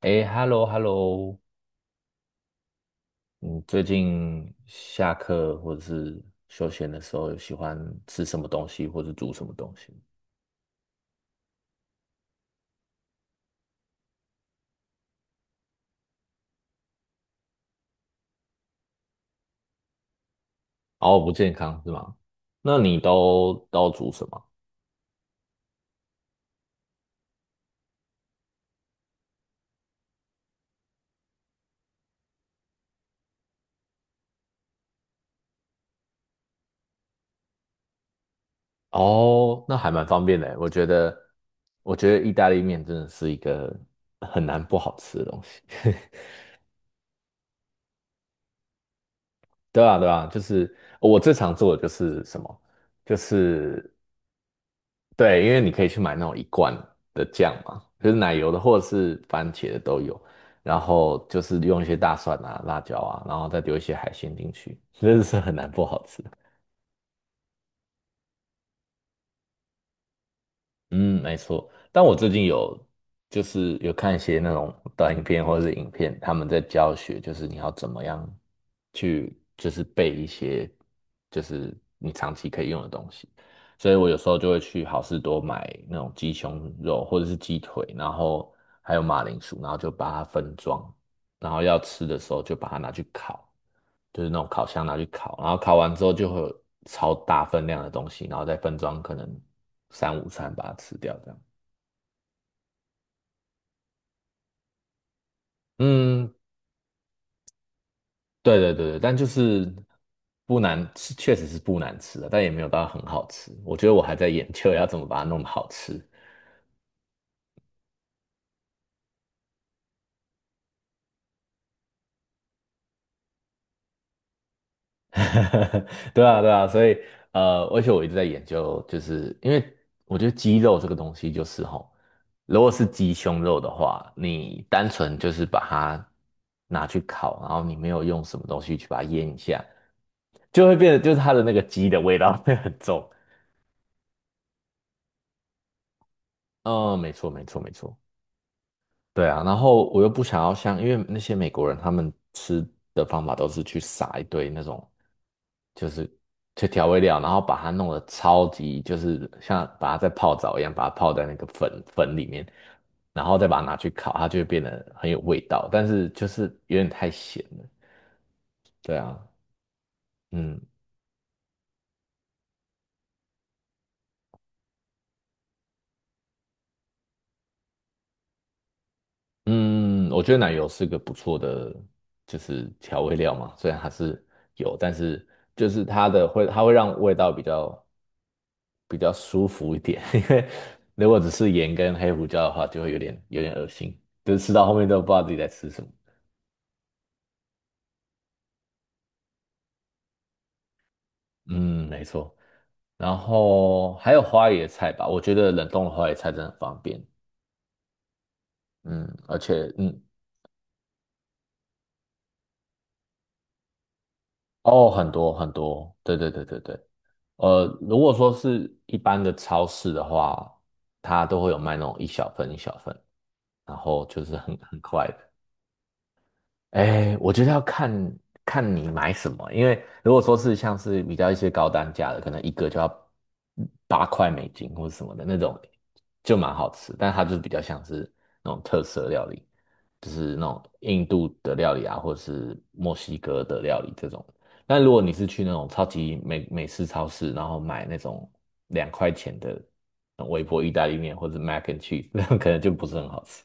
哎，hello，hello，你最近下课或者是休闲的时候，有喜欢吃什么东西，或者煮什么东西？哦，不健康是吗？那你都煮什么？哦，那还蛮方便的欸。我觉得意大利面真的是一个很难不好吃的东西。对啊，对啊，就是我最常做的就是什么，就是对，因为你可以去买那种一罐的酱嘛，就是奶油的或者是番茄的都有，然后就是用一些大蒜啊、辣椒啊，然后再丢一些海鲜进去，真的是很难不好吃。嗯，没错。但我最近有就是有看一些那种短影片或者是影片，他们在教学，就是你要怎么样去就是背一些就是你长期可以用的东西。所以我有时候就会去好事多买那种鸡胸肉或者是鸡腿，然后还有马铃薯，然后就把它分装，然后要吃的时候就把它拿去烤，就是那种烤箱拿去烤，然后烤完之后就会有超大分量的东西，然后再分装可能三五餐把它吃掉这样。嗯，对对对对，但就是不难吃，确实是不难吃的，但也没有到很好吃。我觉得我还在研究要怎么把它弄得好吃。对啊，对啊，所以而且我一直在研究，就是因为我觉得鸡肉这个东西就是吼，如果是鸡胸肉的话，你单纯就是把它拿去烤，然后你没有用什么东西去把它腌一下，就会变得就是它的那个鸡的味道 会很重。嗯，没错，没错，没错。对啊，然后我又不想要像，因为那些美国人他们吃的方法都是去撒一堆那种。就是去调味料，然后把它弄得超级，就是像把它在泡澡一样，把它泡在那个粉粉里面，然后再把它拿去烤，它就会变得很有味道，但是就是有点太咸了。对啊，嗯嗯，我觉得奶油是个不错的，就是调味料嘛，虽然它是有，但是就是它的会，它会让味道比较舒服一点，因为如果只是盐跟黑胡椒的话，就会有点恶心，就是吃到后面都不知道自己在吃什么。嗯，没错。然后还有花椰菜吧，我觉得冷冻的花椰菜真的很方便。嗯，而且嗯，哦，很多很多，对对对对对。如果说是一般的超市的话，它都会有卖那种一小份一小份，然后就是很快的。哎，我觉得要看看你买什么，因为如果说是像是比较一些高单价的，可能一个就要8块美金或者什么的那种，就蛮好吃，但它就是比较像是那种特色料理，就是那种印度的料理啊，或者是墨西哥的料理这种。但如果你是去那种超级美式超市，然后买那种两块钱的那种微波意大利面或者 mac and cheese，那种可能就不是很好吃。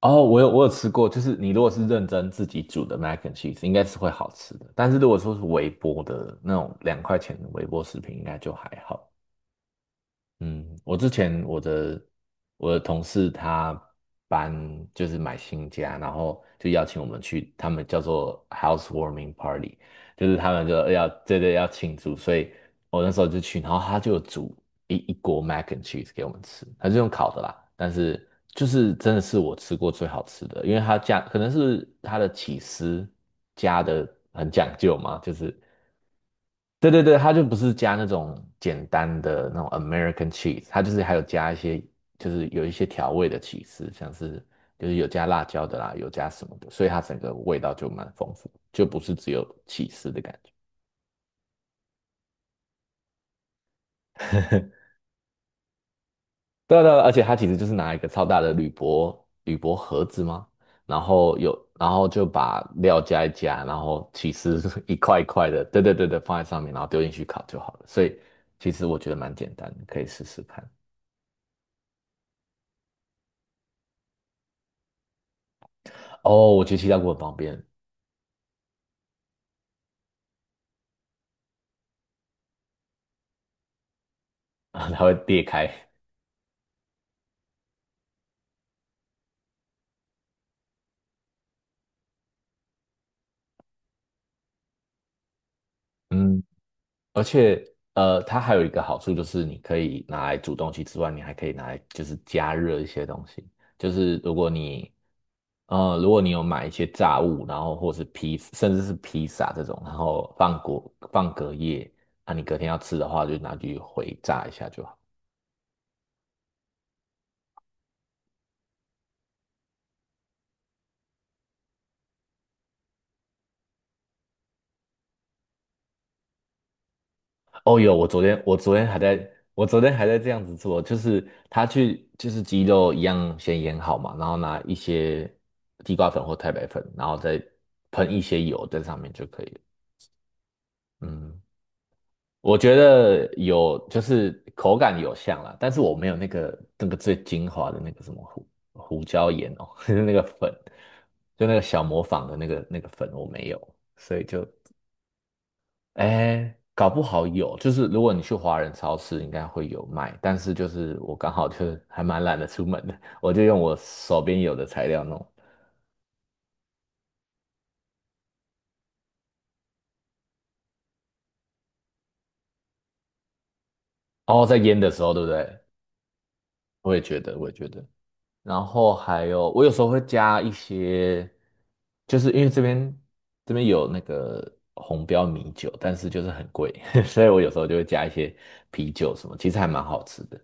哦，我有吃过，就是你如果是认真自己煮的 mac and cheese，应该是会好吃的。但是如果说是微波的那种两块钱的微波食品，应该就还好。嗯，我之前我的同事他搬就是买新家，然后就邀请我们去，他们叫做 housewarming party，就是他们就要对对要庆祝，所以我那时候就去，然后他就煮一锅 mac and cheese 给我们吃，他是用烤的啦，但是就是真的是我吃过最好吃的，因为他加可能是他的起司加的很讲究嘛，就是对对对，它就不是加那种简单的那种 American cheese，它就是还有加一些，就是有一些调味的起司，像是就是有加辣椒的啦，有加什么的，所以它整个味道就蛮丰富，就不是只有起司的感觉。对啊对啊而且它其实就是拿一个超大的铝箔盒子嘛，然后有然后就把料加一加，然后起司 一块一块的，对对对对，放在上面，然后丢进去烤就好了。所以其实我觉得蛮简单的可以试试看。哦，我觉得气炸锅很方便。啊，它会裂开。嗯，而且它还有一个好处就是你可以拿来煮东西之外，你还可以拿来就是加热一些东西。就是如果你如果你有买一些炸物，然后或是披，甚至是披萨这种，然后放果放隔夜，啊，你隔天要吃的话，就拿去回炸一下就好。哦，有，我昨天还在这样子做，就是他去就是鸡肉一样先腌好嘛，然后拿一些地瓜粉或太白粉，然后再喷一些油在上面就可以了。嗯，我觉得有就是口感有像啦，但是我没有那个那个最精华的那个什么胡椒盐哦，就是那个粉，就那个小磨坊的那个那个粉我没有，所以就。哎，搞不好有，就是如果你去华人超市，应该会有卖。但是就是我刚好就是还蛮懒得出门的，我就用我手边有的材料弄。哦，在腌的时候，对不对？我也觉得。然后还有，我有时候会加一些，就是因为这边有那个红标米酒，但是就是很贵，所以我有时候就会加一些啤酒什么，其实还蛮好吃的。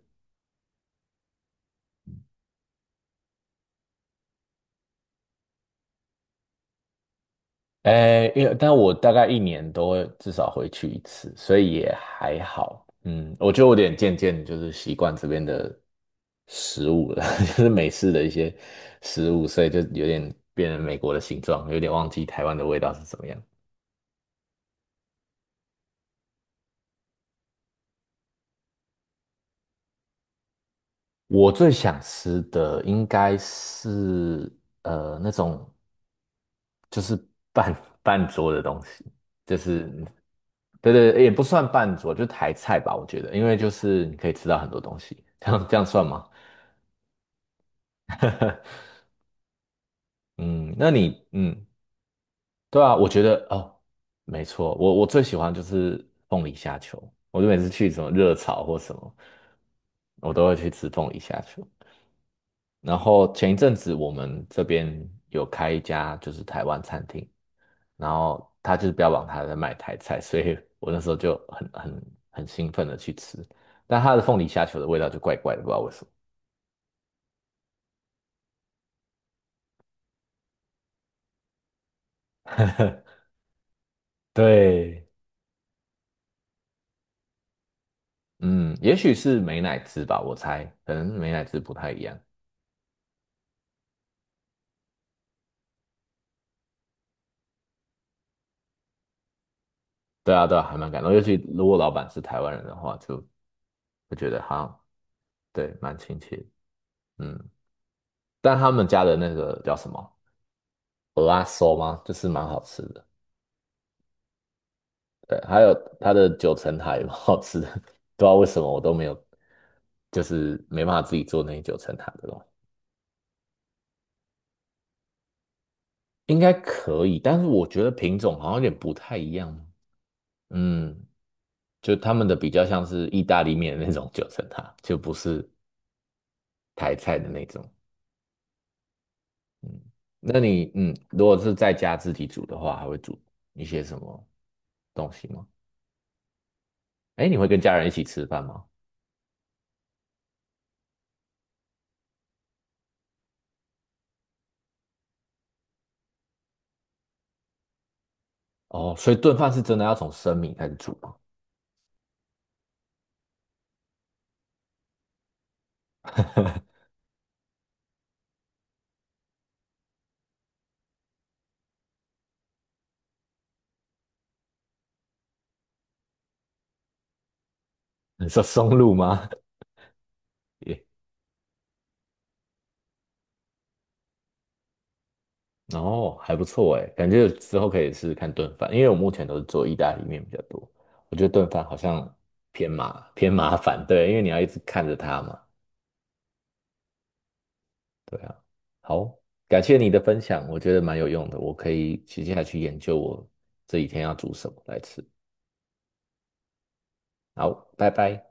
哎，因为但我大概一年都会至少回去一次，所以也还好。嗯，我觉得我有点渐渐就是习惯这边的食物了，就是美式的一些食物，所以就有点变成美国的形状，有点忘记台湾的味道是怎么样。我最想吃的应该是那种。就是半半桌的东西，就是对对，也不算半桌，就台菜吧，我觉得，因为就是你可以吃到很多东西，这样算吗？嗯，那你嗯，对啊，我觉得哦，没错，我最喜欢就是凤梨虾球，我就每次去什么热炒或什么，我都会去吃凤梨虾球。然后前一阵子我们这边有开一家就是台湾餐厅，然后他就是标榜他在卖台菜，所以我那时候就很兴奋的去吃，但他的凤梨虾球的味道就怪怪的，不知道为什么。对，嗯，也许是美乃滋吧，我猜，可能美乃滋不太一样。对啊，对啊，还蛮感动，尤其如果老板是台湾人的话，就会觉得好像对蛮亲切的嗯，但他们家的那个叫什么蚵仔酥吗？就是蛮好吃的。对，还有它的九层塔也蛮好吃的，不知道为什么我都没有，就是没办法自己做那些九层塔的东西。应该可以，但是我觉得品种好像有点不太一样。嗯，就他们的比较像是意大利面的那种九层塔，就不是台菜的那种。嗯，那你嗯，如果是在家自己煮的话，还会煮一些什么东西吗？哎，你会跟家人一起吃饭吗？哦，所以炖饭是真的要从生米开始煮吗？你说松露吗？哦，还不错哎，感觉之后可以试试看炖饭，因为我目前都是做意大利面比较多，我觉得炖饭好像偏麻烦，对，因为你要一直看着它嘛，对啊。好，感谢你的分享，我觉得蛮有用的，我可以接下来去研究我这几天要煮什么来吃。好，拜拜。